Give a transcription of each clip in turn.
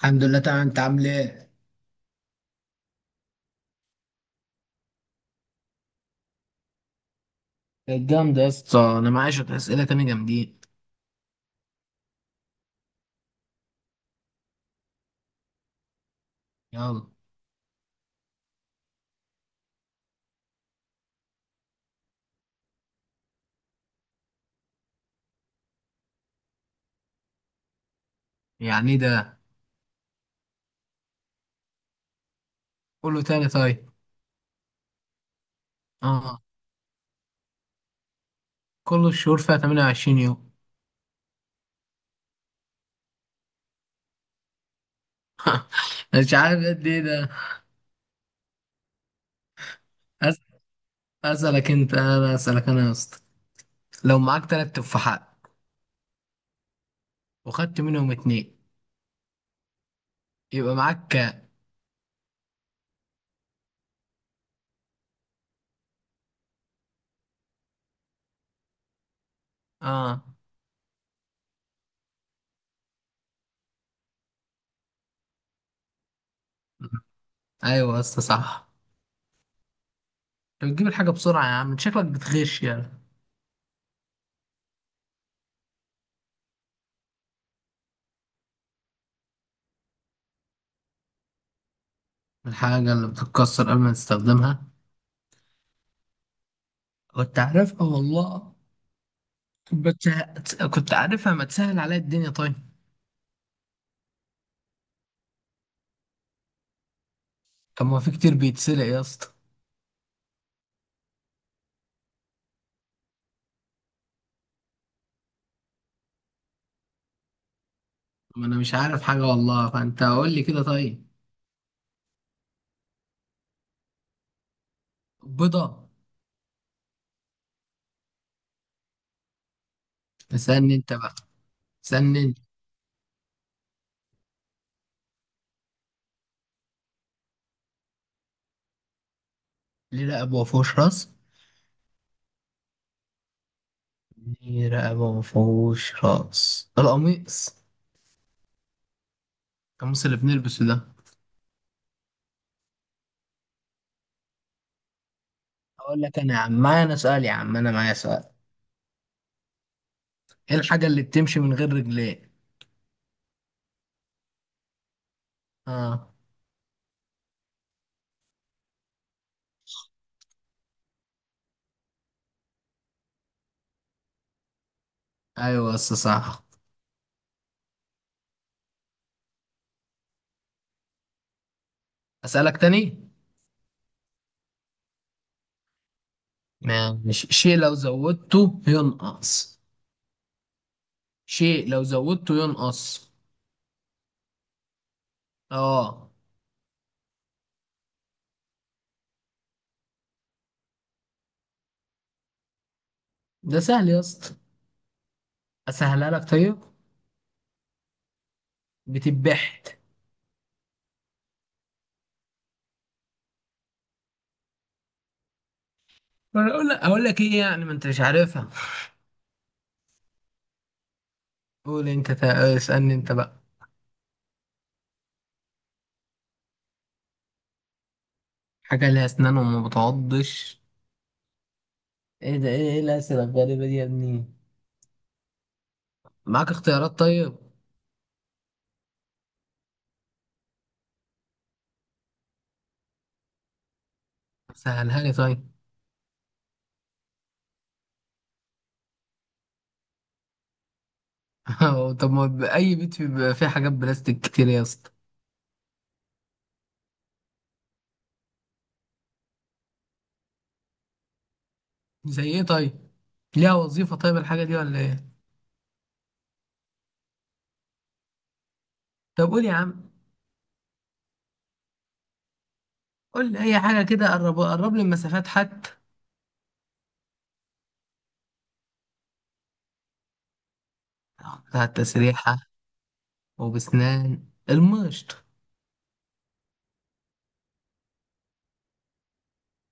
الحمد لله، تمام. انت عامل ايه؟ كانت جامدة يا اسطى، أنا معايا شوية أسئلة تاني جامدين. يلا. يعني إيه ده؟ كله تاني طيب. آه. كل الشهور فيها 28 يوم. مش عارف قد إيه ده. أس- أسألك أنت، أنا أسألك أنا يا اسطى، لو معاك 3 تفاحات وخدت منهم 2 يبقى معاك كام؟ آه. أيوة يا اسطى صح. أنت بتجيب الحاجة بسرعة يا عم، شكلك بتغش يعني. الحاجة اللي بتتكسر قبل ما تستخدمها، كنت عارفها والله. كنت عارفها، ما تسهل عليا الدنيا طيب. طب ما في كتير بيتسلق يا اسطى. ما انا مش عارف حاجه والله، فانت قول لي كده طيب. بيضه. اسالني انت بقى، اسالني انت. ليه رقبه وما فيهوش راس. ليه رقبه وما فيهوش راس، القميص. القميص اللي بنلبسه ده. اقول لك انا يا عم، معايا انا سؤال، يا عم انا معايا سؤال. ايه الحاجه اللي بتمشي من غير رجلين؟ اه. ايوه بس صح. اسالك تاني. ماشي، شيء لو زودته ينقص. شيء لو زودته ينقص. اه. ده سهل يا اسطى، اسهلها لك طيب. بتبحت. ولا اقول لك، اقول لك ايه؟ يعني ما انت مش عارفها. قول انت، اسالني انت بقى. حاجه ليها اسنان وما بتعضش. ايه ده، ايه ايه الاسئله الغريبه دي يا ابني؟ معاك اختيارات طيب؟ سهلها لي طيب. طب ما ب- اي بيت بيبقى فيه حاجات بلاستيك كتير يا اسطى. زي ايه طيب؟ ليها وظيفه طيب الحاجه دي ولا ايه؟ طب قول يا عم. قول لي اي حاجه كده، قرب قرب لي المسافات حتى. بتاع التسريحة. وبسنان المشط.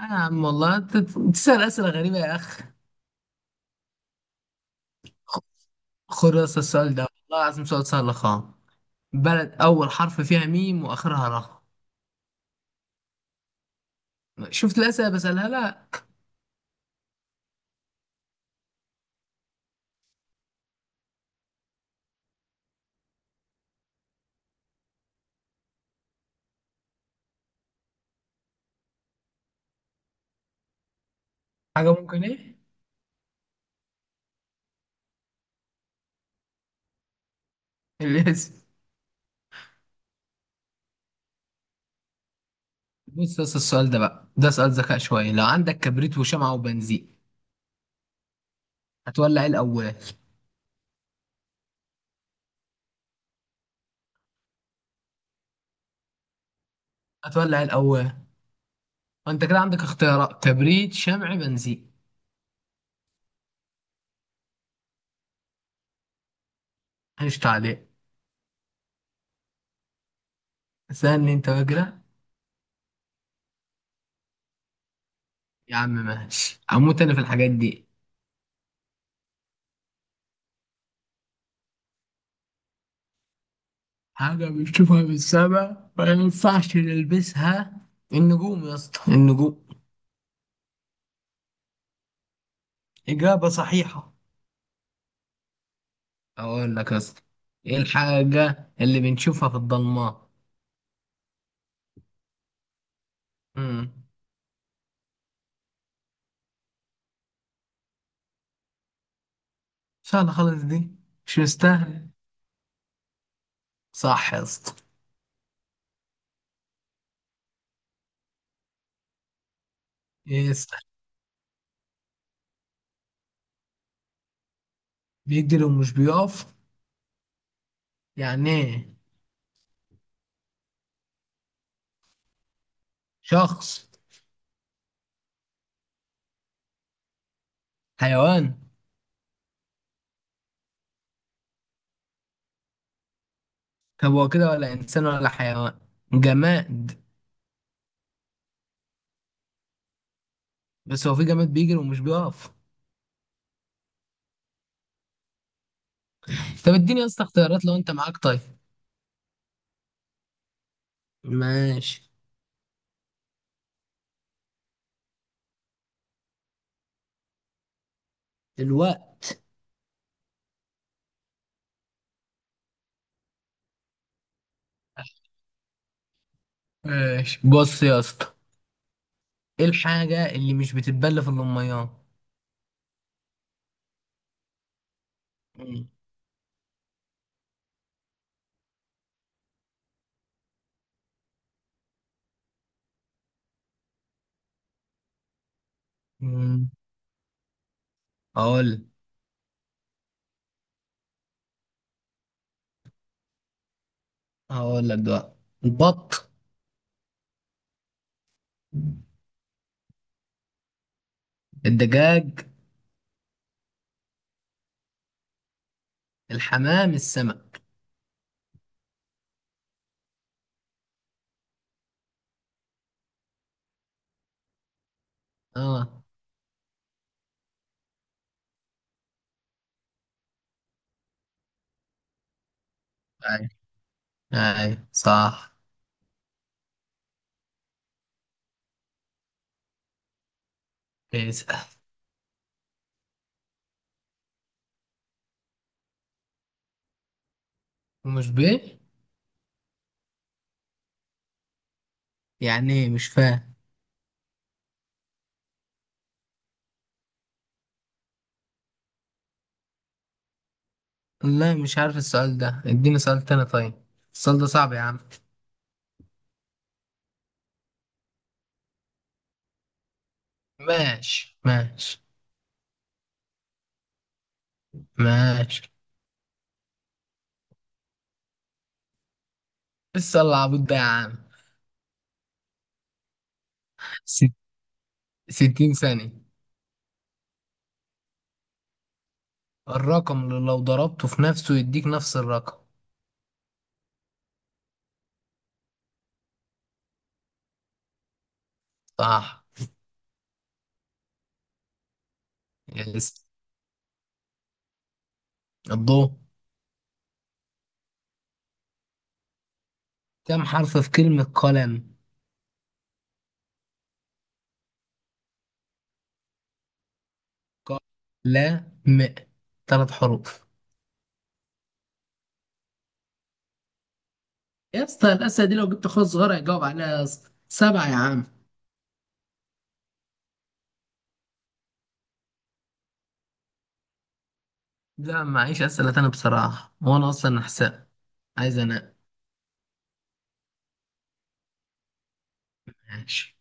أنا يا عم والله أنت بتسأل أسئلة غريبة يا أخ. خ- خد بس السؤال ده والله العظيم سؤال سهل خالص. بلد أول حرف فيها ميم وآخرها راء. شفت الأسئلة بسألها؟ لا. حاجة ممكن إيه؟ الاسم. بص، بس السؤال ده بقى ده سؤال ذكاء شوية. لو عندك كبريت وشمعة وبنزين، هتولع إيه الأول؟ هتولع إيه الأول؟ وأنت كده عندك اختيارات: كبريت، شمع، بنزين. مش تعليق. سألني أنت بقى كده. يا عم ماشي، هموت انا في الحاجات دي. حاجة بنشوفها من السما ما ينفعش نلبسها. النجوم يا اسطى، النجوم. إجابة صحيحة. اقول لك يا اسطى، ايه الحاجة اللي بنشوفها في الضلمة؟ امم سهلة خالص دي، مش مستاهل. صح يا اسطى. ايه يستاهل. بيجري ومش بيقف. يعني ايه؟ شخص. حيوان. طب هو كده ولا انسان ولا حيوان؟ جماد. بس هو في جماد بيجري ومش بيقف؟ طب اديني يا اسطى اختيارات لو انت معاك طيب. ماشي. الوقت. ماشي، بص يا اسطى، ايه الحاجة اللي مش بتتبل في الأميان؟ مم. مم. هقول. هقول لك دلوقتي. البط. الدجاج. الحمام، السمك. اه. اي، اي صح. اسأل. ومش بيه؟ يعني ايه، مش فاهم. لا مش عارف السؤال ده، اديني سؤال تاني طيب. السؤال ده صعب يا عم. ماشي ماشي. لسه العبود ده يا عم؟ ست- 60 ثانية. الرقم اللي لو ضربته في نفسه يديك نفس الرقم. صح. يس. الضوء. كم حرف في كلمة قلم؟ قلم 3 حروف. يا اسطى الأسئلة دي لو جبت أخويا الصغير هيجاوب عليها يا اسطى. 7 يا عم. لا معيش أسئلة تانية بصراحة، وأنا أصلا نحسها. عايز أنام. ماشي.